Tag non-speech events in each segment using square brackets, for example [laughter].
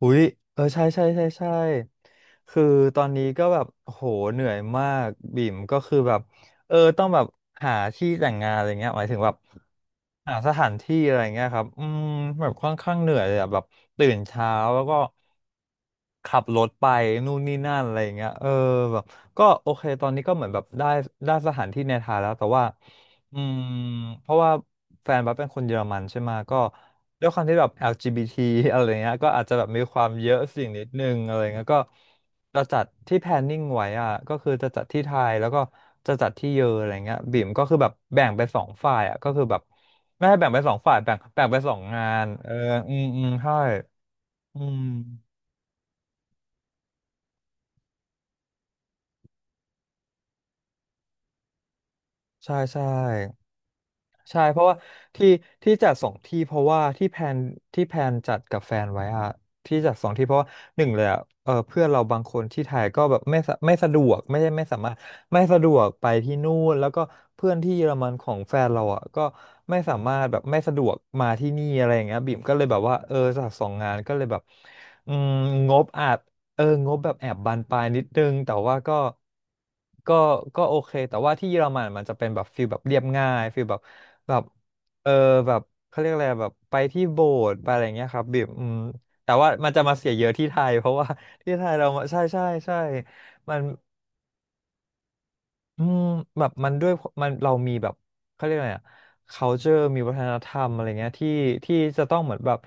อุ๊ยเออใช่ใช่ใช่ใช่คือตอนนี้ก็แบบโหเหนื่อยมากบิ่มก็คือแบบต้องแบบหาที่แต่งงานอะไรเงี้ยหมายถึงแบบหาสถานที่อะไรเงี้ยครับอืมแบบค่อนข้างเหนื่อยเลยอะแบบตื่นเช้าแล้วก็ขับรถไปนู่นนี่นั่นอะไรอย่างเงี้ยแบบก็โอเคตอนนี้ก็เหมือนแบบได้สถานที่ในไทยแล้วแต่ว่าอืมเพราะว่าแฟนบัสเป็นคนเยอรมันใช่ไหมก็ ด้วยความที่แบบ LGBT อลจีบีที [laughs] อะไรเงี้ยก็อาจจะแบบมีความเยอะสิ่งนิดนึงอะไรเงี้ยก็จะจัดที่แพลนนิ่งไว้อ่ะก็คือจะจัดที่ไทยแล้วก็จะจัดที่เยออะไรเงี้ยบิ่มก็คือแบบแบ่งเป็นสองฝ่ายอ่ะก็คือแบบไม่ให้แบ่งเป็นสองฝ่ายแบ่งเป็นสองงานเอออืมอืมใช่อืมใช่ใช่ ใช่เพราะว่าที่ที่จัดสองที่เพราะว่าที่แพลนจัดกับแฟนไว้อะที่จัดสองที่เพราะว่าหนึ่งเลยอะเออเพื่อนเราบางคนที่ไทยก็แบบไม่สะดวกไม่สามารถไม่สะดวกไปที่นู่นแล้วก็เพื่อนที่เยอรมันของแฟนเราอะก็ไม่สามารถแบบไม่สะดวกมาที่นี่อะไรอย่างเงี้ยบิ่มก็เลยแบบว่าเออจัดสองงานก็เลยแบบอืมงบอาจ งบแบบแอบบานปลายนิดนึงแต่ว่าก็ก็ก็โอเคแต่ว่าที่เยอรมันมันจะเป็นแบบฟิลแบบเรียบง่ายฟิลแบบแบบเออแบบเขาเรียกอะไรแบบไปที่โบสถ์ไปอะไรเงี้ยครับแบบอืมแต่ว่ามันจะมาเสียเยอะที่ไทยเพราะว่า [laughs] ที่ไทยเรามาใช่ใช่ใช่มัน อืมแบบมันด้วยเรามีแบบเขาเรียกอะไรอะ culture มีวัฒนธรรมอะไรเงี้ยที่จะต้องเหมือนแบบ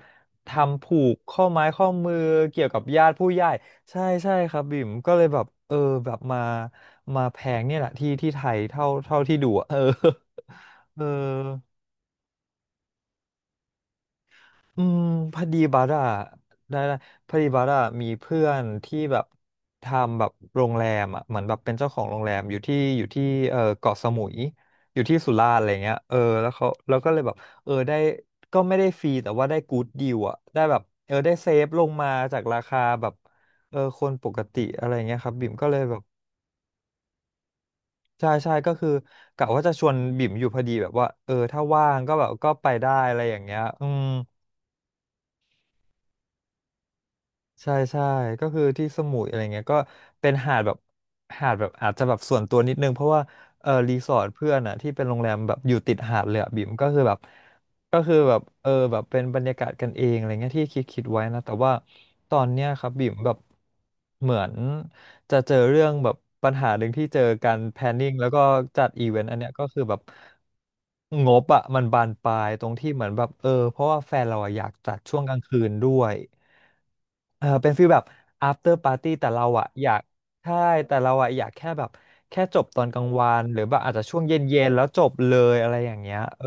ทำผูกข้อไม้ข้อมือเกี่ยวกับญาติผู้ใหญ่ใช่ใช่ครับบิ่มก็เลยแบบเออแบบมาแพงเนี่ยแหละที่ไทยเท่าที่ดูอะเออ [laughs] เออ อืมพอดีบัสอะได้พอดีบัสอะมีเพื่อนที่แบบทำแบบโรงแรมอะเหมือนแบบเป็นเจ้าของโรงแรมอยู่ที่เออเกาะสมุยอยู่ที่สุราษฎร์อะไรเงี้ยเออแล้วก็เลยแบบเออได้ก็ไม่ได้ฟรีแต่ว่าได้กู๊ดดีลอะได้แบบเออได้เซฟลงมาจากราคาแบบเออคนปกติอะไรเงี้ยครับบิ่มก็เลยแบบใช่ใช่ก็คือกะว่าจะชวนบิ่มอยู่พอดีแบบว่าเออถ้าว่างก็แบบก็ไปได้อะไรอย่างเงี้ยอืม ใช่ใช่ก็คือที่สมุยอะไรเงี้ยก็เป็นหาดแบบอาจจะแบบส่วนตัวนิดนึงเพราะว่าเออรีสอร์ทเพื่อนอ่ะที่เป็นโรงแรมแบบอยู่ติดหาดเลยอ่ะบิ่มก็คือแบบเออแบบเป็นบรรยากาศกันเองอะไรเงี้ยที่คิดไว้นะแต่ว่าตอนเนี้ยครับบิ่มแบบเหมือน จะเจอเรื่องแบบปัญหาหนึ่งที่เจอการแพนนิ่งแล้วก็จัดอีเวนต์อันเนี้ยก็คือแบบงบอะมันบานปลายตรงที่เหมือนแบบเออเพราะว่าแฟนเราอะอยากจัดช่วงกลางคืนด้วยเออเป็นฟีลแบบ after party แต่เราอะอยากใช่แต่เราอะอยากแค่แบบแค่จบตอนกลางวันหรือแบบอาจจะช่วงเย็นๆแล้วจบเลยอะไรอย่างเงี้ยเออ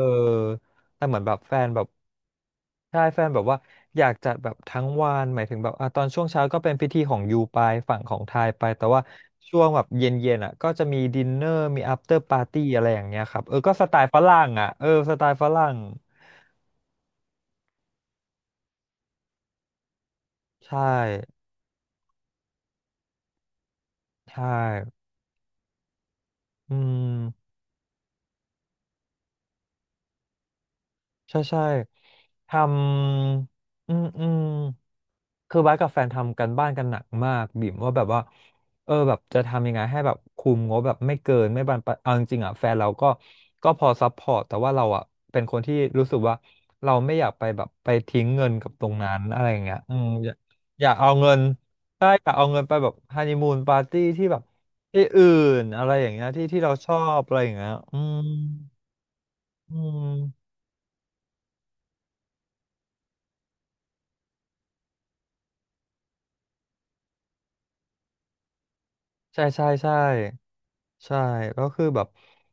แต่เหมือนแบบแฟนแบบใช่แฟนแบบว่าอยากจัดแบบทั้งวันหมายถึงแบบอ่ะตอนช่วงเช้าก็เป็นพิธีของยูไปฝั่งของไทยไปแต่ว่าช่วงแบบเย็นๆอ่ะก็จะมีดินเนอร์มีอัฟเตอร์ปาร์ตี้อะไรอย่างเงี้ยครับเออก็สไตล์ฝรั่งอ่ะเออสไตล์ฝรั่งใช่ใช่อืม ใช่ใช่ทำอืมอืมคือบ้าสกับแฟนทำกันบ้านกันหนักมากบิ่มว่าแบบว่าเออแบบจะทำยังไงให้แบบคุมงบแบบไม่เกินไม่บานปลายเอาจริงๆอ่ะแฟนเราก็พอซัพพอร์ตแต่ว่าเราอ่ะเป็นคนที่รู้สึกว่าเราไม่อยากไปแบบไปทิ้งเงินกับตรงนั้นอะไรอย่างเงี้ยอืมอยากอยากเอาเงินใช่อยากเอาเงินไปแบบฮันนีมูนปาร์ตี้ที่แบบที่อื่นอะไรอย่างเงี้ยที่เราชอบอะไรอย่างเงี้ยอืมอืม ใช่ใช่ใช่ใช่แล้วคือแบบ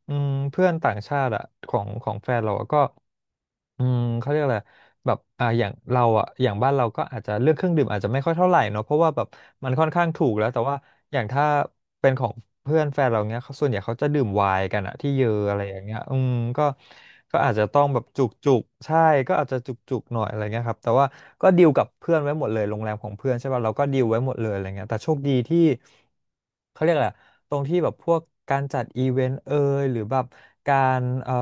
อืมเพื่อนต่างชาติอะของของแฟนเราอะก็เขาเรียกอะไรแบบอย่างเราอะอย่างบ้านเราก็อาจจะเลือกเครื่องดื่มอาจจะไม่ค่อยเท่าไหร่เนาะเพราะว่าแบบมันค่อนข้างถูกแล้วแต่ว่าอย่างถ้าเป็นของเพื่อนแฟนเราเนี้ยเขาส่วนใหญ่เขาจะดื่มไวน์กันอะที่เยอะอะไรอย่างเงี้ยอืมก็ก็อาจจะต้องแบบจุกจุกใช่ก็อาจจะจุกจุกหน่อยอะไรเงี้ยครับแต่ว่าก็ดีลกับเพื่อนไว้หมดเลยโรงแรมของเพื่อนใช่ป่ะเราก็ดีลไว้หมดเลยอะไรเงี้ยแต่โชคดีที่ เขาเรียกอะไรอะตรงที่แบบพวกการจัดอีเวนต์เอ่ยหรือแบบการ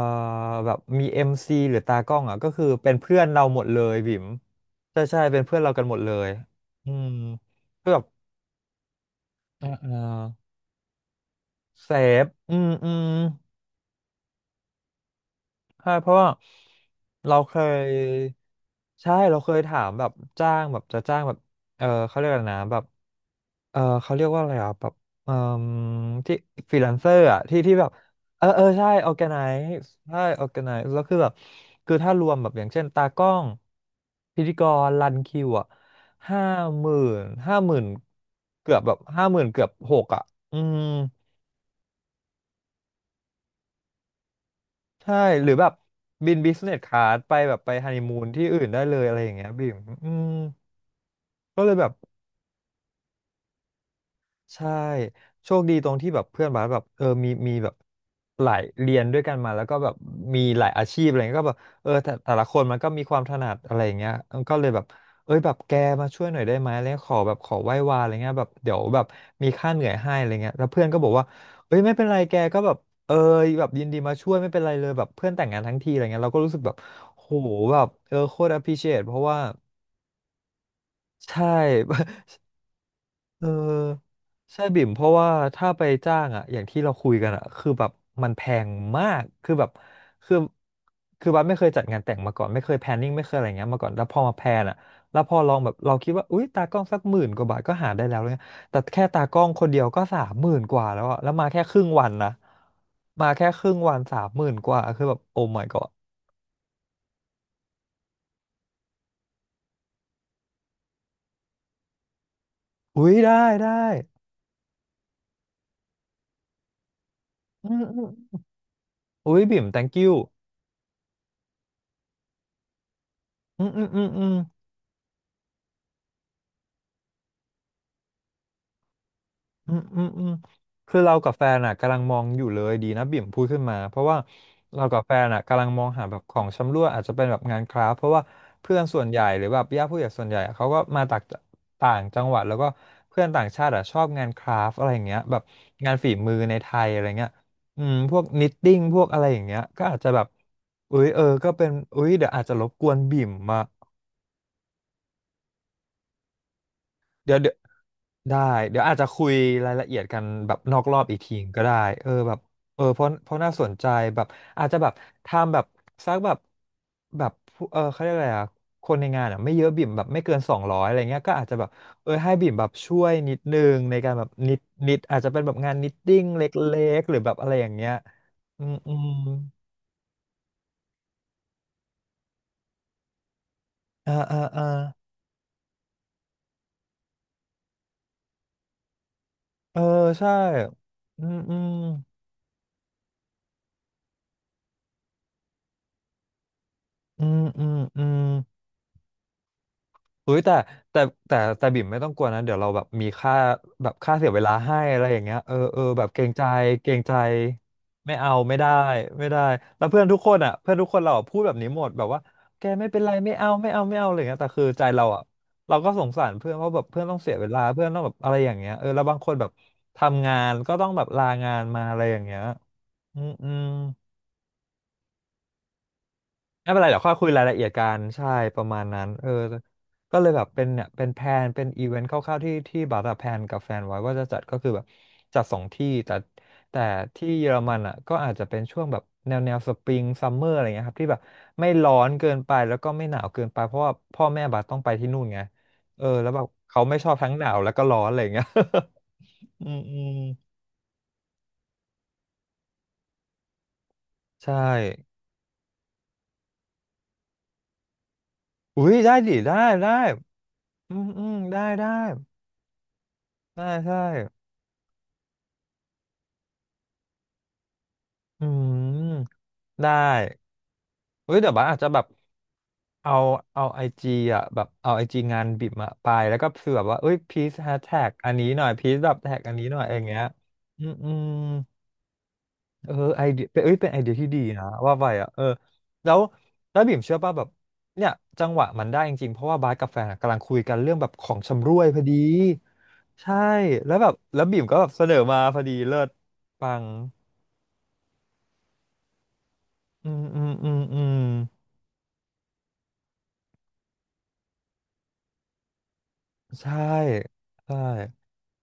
แบบมีเอ็มซีหรือตากล้องอ่ะก็คือเป็นเพื่อนเราหมดเลยบิ๋มใช่ใช่เป็นเพื่อนเรากันหมดเลยอืมก็แบบเอ่าอ่าเซฟอืมอืมใช่เพราะว่าเราเคยใช่เราเคยถามแบบจ้างแบบจะจ้างแบบเออเขาเรียกอะไรนะแบบ เออเขาเรียกว่าอะไรอ่ะแบบเอ่อที่ฟรีแลนเซอร์อ่ะที่ที่แบบเออเออใช่ออแกไนซ์ใช่ออแกไนซ์แล้วคือแบบคือถ้ารวมแบบอย่างเช่นตากล้องพิธีกรรันคิวอ่ะห้าหมื่นห้าหมื่นเกือบแบบห้าหมื่นเกือบหกอ่ะอืมใช่หรือแบบบินบิสเนสคลาสไปแบบไปฮันนีมูนที่อื่นได้เลยอะไรอย่างเงี้ยบีมอืมก็เลยแบบ ใช่โชคดีตรงที่แบบเพื่อนบาสแบบเออมีแบบหลายเรียนด้วยกันมาแล้วก็แบบมีหลายอาชีพอะไรเงี้ยก็แบบเออแต่ละคนมันก็มีความถนัดอะไรอย่างเงี้ยก็เลยแบบเอ้ยแบบแกมาช่วยหน่อยได้ไหมอะไรเงี้ยขอแบบขอไหว้วานอะไรเงี้ยแบบเดี๋ยวแบบมีค่าเหนื่อยให้อะไรเงี้ยแล้วเพื่อนก็บอกว่าเอ้ยไม่เป็นไรแกก็แบบเออแบบยินดีมาช่วยไม่เป็นไรเลยแบบเพื่อนแต่งงานทั้งทีอะไรเงี้ยเราก็รู้สึกแบบโหแบบเออโคตร appreciate เพราะว่าใช่ [laughs] เออใช่บิ่มเพราะว่าถ้าไปจ้างอ่ะอย่างที่เราคุยกันอ่ะคือแบบมันแพงมากคือแบบคือคือบัสไม่เคยจัดงานแต่งมาก่อนไม่เคยแพลนนิ่งไม่เคยอะไรเงี้ยมาก่อนแล้วพอมาแพลนอ่ะแล้วพอลองแบบเราคิดว่าอุ้ยตากล้องสัก10,000 กว่าบาทก็หาได้แล้วเลยแต่แค่ตากล้องคนเดียวก็สามหมื่นกว่าแล้วอ่ะแล้วมาแค่ครึ่งวันนะมาแค่ครึ่งวันสามหมื่นกว่าคือแบบโอ้ my god อุ้ยได้ได้อืมอืมอุ้ยบิ่ม thank you อืมอืมอืมอืม อืมอืมอืมคือเรากับแฟนอ่ะกำลังมองอยู่เลยดีนะบิ่มพูดขึ้นมาเพราะว่าเรากับแฟนอ่ะกำลังมองหาแบบของชำร่วยอาจจะเป็นแบบงานคราฟต์เพราะว่าเพื่อนส่วนใหญ่หรือแบบญาติผู้ใหญ่ส่วนใหญ่อะเขาก็มาจากต่างจังหวัดแล้วก็เพื่อนต่างชาติอ่ะชอบงานคราฟต์อะไรอย่างเงี้ยแบบงานฝีมือในไทยอะไรเงี้ยอืมพวกนิตติ้งพวกอะไรอย่างเงี้ยก็อาจจะแบบอุ้ยเออก็เป็นอุ้ยเดี๋ยวอาจจะรบกวนบิ่มมา เดี๋ยวเดี๋ยวได้เดี๋ยวอาจจะคุยรายละเอียดกันแบบนอกรอบอีกทีก็ได้เออแบบเออเพราะน่าสนใจแบบอาจจะแบบทำแบบสักแบบแบบผู้เออเขาเรียกอะไรอ่ะคนในงานอ่ะไม่เยอะบิ่มแบบไม่เกิน200อะไรเงี้ยก็อาจจะแบบเออให้บิ่มแบบช่วยนิดนึงในการแบบนิดนิดอาจจะเป็นแบบงานนิตติ้งเล็กๆหรือแบบอะไรอย่างเงี้ยอืมอืมอ่าอ่าอ่าเออใช่อืมอืมอืมอืมอืม เฮ้ยแต่แต่บิ่มไม่ต้องกลัวนะเดี๋ยวเราแบบมีค่าแบบค่าเสียเวลาให้อะไรอย่างเงี้ยเออเออแบบเกรงใจเกรงใจไม่เอาไม่ได้ไม่ได้แล้วเพื่อนทุกคนอ่ะเพื่อนทุกคนเราอะพูดแบบนี้หมดแบบว่าแกไม่เป็นไรไม่เอาไม่เอาไม่เอาอะไรอย่างเงี้ยแต่คือใจเราอ่ะเราก็สงสารเพื่อนเพราะแบบเพื่อนต้องเสียเวลาเพื่อนต้องแบบอะไรอย่างเงี้ยเออแล้วบางคนแบบทำงานก็ต้องแบบลางานมาอะไรอย่างเงี้ยอืมอืม ไม่เป็นไรเดี๋ยวค่อยคุยรายละเอียดกันใช่ประมาณนั้นเออก็เลยแบบเป็นเนี่ยเป็นแพลนเป็นอีเวนต์คร่าวๆที่ที่บัตรแพลนกับแฟนไว้ว่าจะจัดก็คือแบบจัดสองที่แต่แต่ที่เยอรมันอ่ะก็อาจจะเป็นช่วงแบบแนวแนวสปริงซัมเมอร์อะไรเงี้ยครับที่แบบไม่ร้อนเกินไปแล้วก็ไม่หนาวเกินไปเพราะว่าพ่อแม่บาร์ต้องไปที่นู่นไงเออแล้วแบบเขาไม่ชอบทั้งหนาวแล้วก็ร้อนอะไรเงี้ย [laughs] อืมอืมใช่อุ้ยได้ดิได้ได้อืมอืมได้ได้ได้ใช่ อืมได้เฮ้ยเดี๋ยวบ้าสอาจจะแบบเอาไอจีอ่ะแบบเอาไอจีงานบิบมาไปแล้วก็คือแบบว่าเอ้ยพีซแฮชแท็กอันนี้หน่อยพีซแบบแท็กอันนี้หน่อยอะไรอย่างเงี้ยอืมอืมเออไอเดียเป็นเอ้ยเป็นไอเดียที่ดีนะว่าไปอ่ะเออแล้วแล้วบิ่มเชื่อป่ะแบบเนี่ยจังหวะมันได้จริงๆเพราะว่าบาสกับแฟนอะกำลังคุยกันเรื่องแบบของชำร่วยพอดีใช่แล้วแบบแล้วบิ่มก็แบบเสนอมาพอดีเลิศปังอืมอืมอืมอืม ใช่ใช่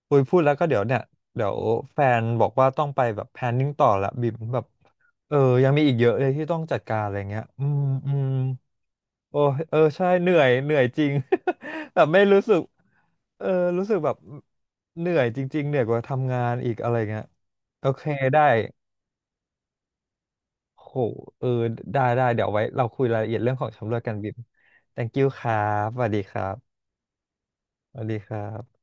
อุยพูดแล้วก็เดี๋ยวเนี่ยเดี๋ยวแฟนบอกว่าต้องไปแบบแพลนนิ่งต่อละบิ่มแบบเออยังมีอีกเยอะเลยที่ต้องจัดการอะไรเงี้ยอืมอืมโอ้ยเออใช่เหนื่อยเหนื่อยจริง [laughs] แบบไม่รู้สึกเออรู้สึกแบบเหนื่อยจริงๆเหนื่อยกว่าทำงานอีกอะไรเงี้ยโอเคได้โหเออได้ได้เดี๋ยวไว้เราคุยรายละเอียดเรื่องของชำเลือกกันบิ่ม thank you ครับสวัสดีครับสวัสดีครับ